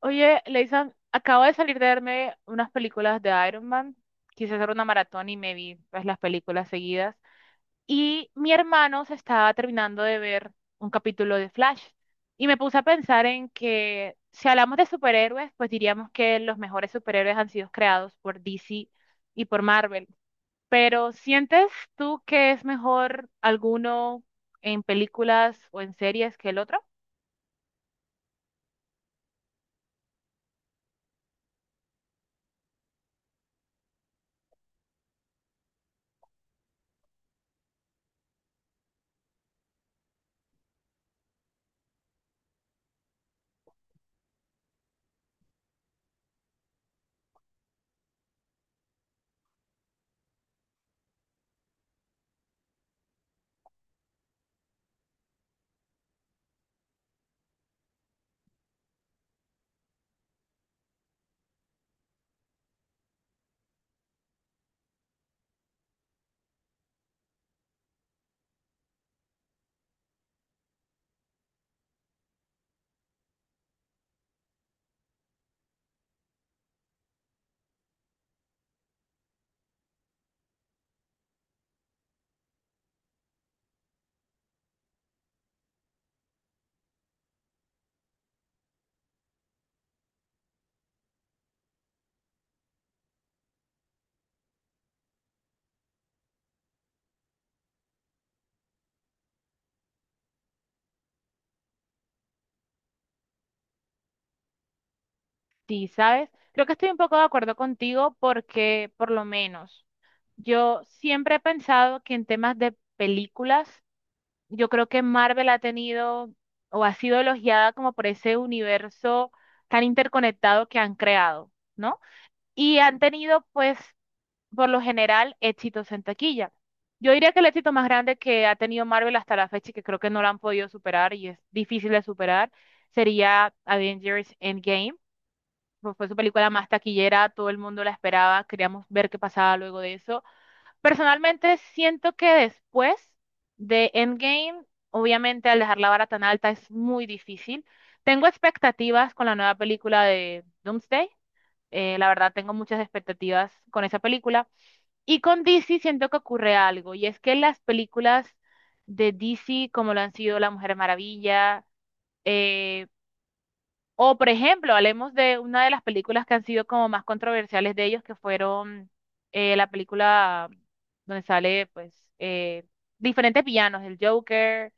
Oye, Leison, acabo de salir de verme unas películas de Iron Man. Quise hacer una maratón y me vi pues, las películas seguidas. Y mi hermano se estaba terminando de ver un capítulo de Flash. Y me puse a pensar en que si hablamos de superhéroes, pues diríamos que los mejores superhéroes han sido creados por DC y por Marvel. Pero ¿sientes tú que es mejor alguno en películas o en series que el otro? Sí, ¿sabes? Creo que estoy un poco de acuerdo contigo porque, por lo menos, yo siempre he pensado que en temas de películas, yo creo que Marvel ha tenido o ha sido elogiada como por ese universo tan interconectado que han creado, ¿no? Y han tenido, pues, por lo general, éxitos en taquilla. Yo diría que el éxito más grande que ha tenido Marvel hasta la fecha y que creo que no lo han podido superar y es difícil de superar, sería Avengers Endgame, fue su película más taquillera, todo el mundo la esperaba, queríamos ver qué pasaba luego de eso. Personalmente siento que después de Endgame, obviamente al dejar la vara tan alta es muy difícil. Tengo expectativas con la nueva película de Doomsday. La verdad tengo muchas expectativas con esa película. Y con DC siento que ocurre algo, y es que las películas de DC, como lo han sido La Mujer Maravilla, eh, o, por ejemplo, hablemos de una de las películas que han sido como más controversiales de ellos, que fueron, la película donde sale, pues, diferentes villanos, el Joker,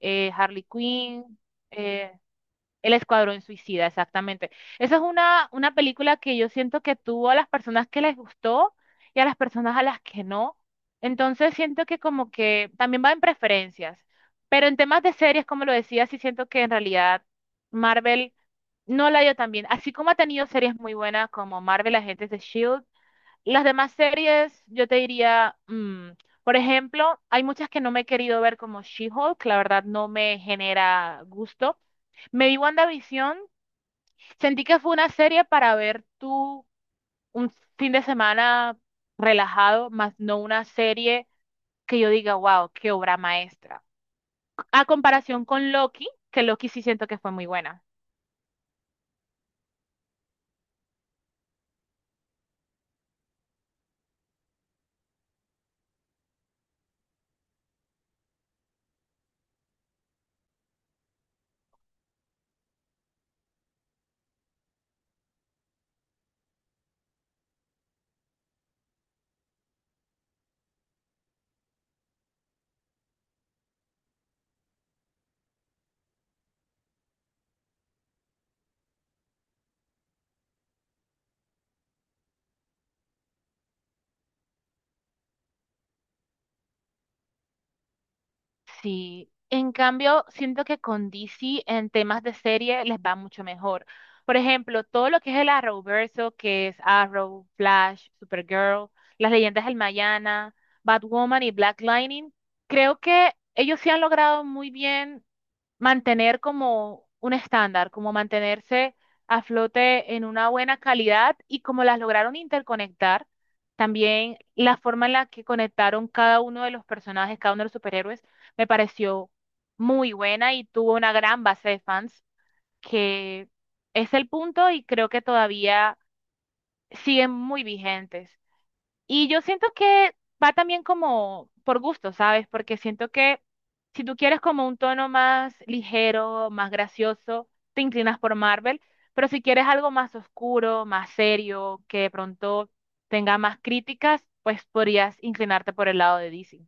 Harley Quinn, eh, el Escuadrón Suicida, exactamente. Esa es una película que yo siento que tuvo a las personas que les gustó y a las personas a las que no. Entonces siento que como que también va en preferencias. Pero en temas de series, como lo decía, sí siento que en realidad Marvel no la dio tan bien. Así como ha tenido series muy buenas como Marvel, Agentes de Shield, las demás series yo te diría, por ejemplo, hay muchas que no me he querido ver como She-Hulk, la verdad no me genera gusto. Me vi WandaVision, sentí que fue una serie para ver tú un fin de semana relajado, más no una serie que yo diga, wow, qué obra maestra. A comparación con Loki, que Loki sí siento que fue muy buena. Sí, en cambio, siento que con DC en temas de serie les va mucho mejor. Por ejemplo, todo lo que es el Arrowverso, que es Arrow, Flash, Supergirl, las leyendas del Mañana, Batwoman y Black Lightning, creo que ellos sí han logrado muy bien mantener como un estándar, como mantenerse a flote en una buena calidad y como las lograron interconectar, también la forma en la que conectaron cada uno de los personajes, cada uno de los superhéroes, me pareció muy buena y tuvo una gran base de fans que es el punto y creo que todavía siguen muy vigentes. Y yo siento que va también como por gusto, ¿sabes? Porque siento que si tú quieres como un tono más ligero, más gracioso, te inclinas por Marvel, pero si quieres algo más oscuro, más serio, que de pronto tenga más críticas, pues podrías inclinarte por el lado de DC,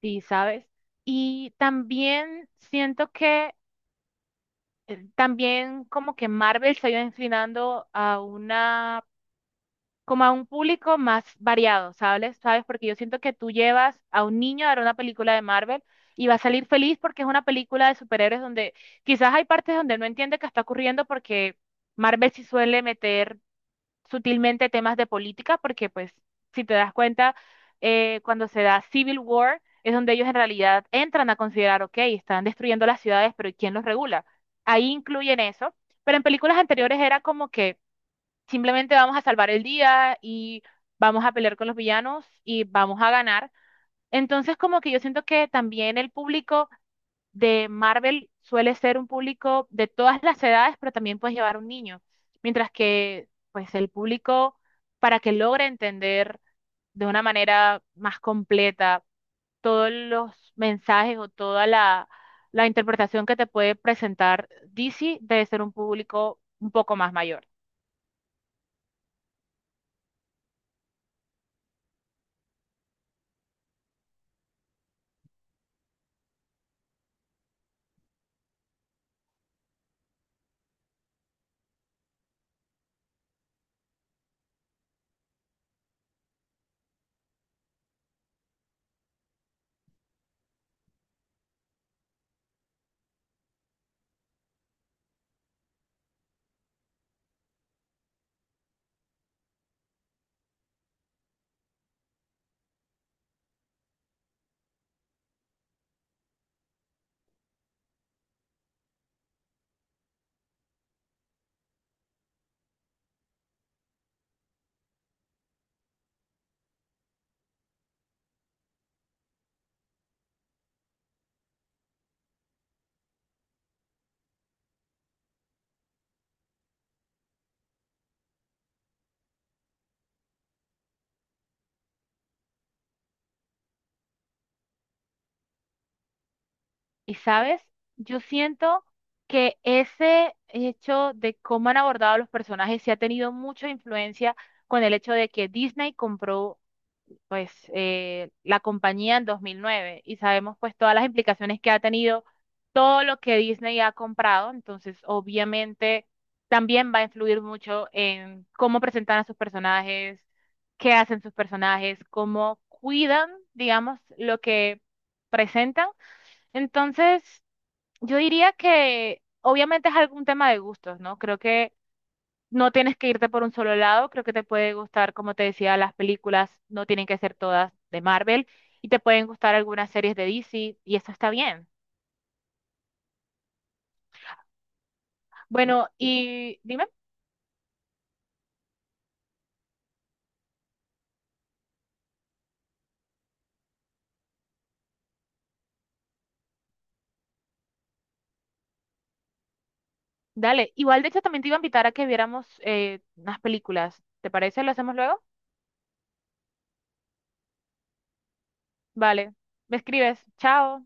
sí, ¿sabes? Y también siento que, también como que Marvel se ha ido inclinando a una, como a un público más variado, ¿sabes? ¿Sabes? Porque yo siento que tú llevas a un niño a ver una película de Marvel y va a salir feliz porque es una película de superhéroes donde quizás hay partes donde no entiende qué está ocurriendo porque Marvel sí suele meter sutilmente temas de política porque pues si te das cuenta, cuando se da Civil War es donde ellos en realidad entran a considerar, ok, están destruyendo las ciudades, pero ¿quién los regula? Ahí incluyen eso. Pero en películas anteriores era como que simplemente vamos a salvar el día y vamos a pelear con los villanos y vamos a ganar. Entonces, como que yo siento que también el público de Marvel suele ser un público de todas las edades, pero también puedes llevar un niño. Mientras que, pues, el público, para que logre entender de una manera más completa todos los mensajes o toda la, la interpretación que te puede presentar DC debe ser un público un poco más mayor. Y sabes, yo siento que ese hecho de cómo han abordado a los personajes sí ha tenido mucha influencia con el hecho de que Disney compró pues, la compañía en 2009 y sabemos pues todas las implicaciones que ha tenido todo lo que Disney ha comprado, entonces obviamente también va a influir mucho en cómo presentan a sus personajes, qué hacen sus personajes, cómo cuidan, digamos, lo que presentan. Entonces, yo diría que obviamente es algún tema de gustos, ¿no? Creo que no tienes que irte por un solo lado, creo que te puede gustar, como te decía, las películas no tienen que ser todas de Marvel y te pueden gustar algunas series de DC y eso está bien. Bueno, y dime, dale, igual de hecho también te iba a invitar a que viéramos, unas películas, ¿te parece? ¿Lo hacemos luego? Vale, me escribes, chao.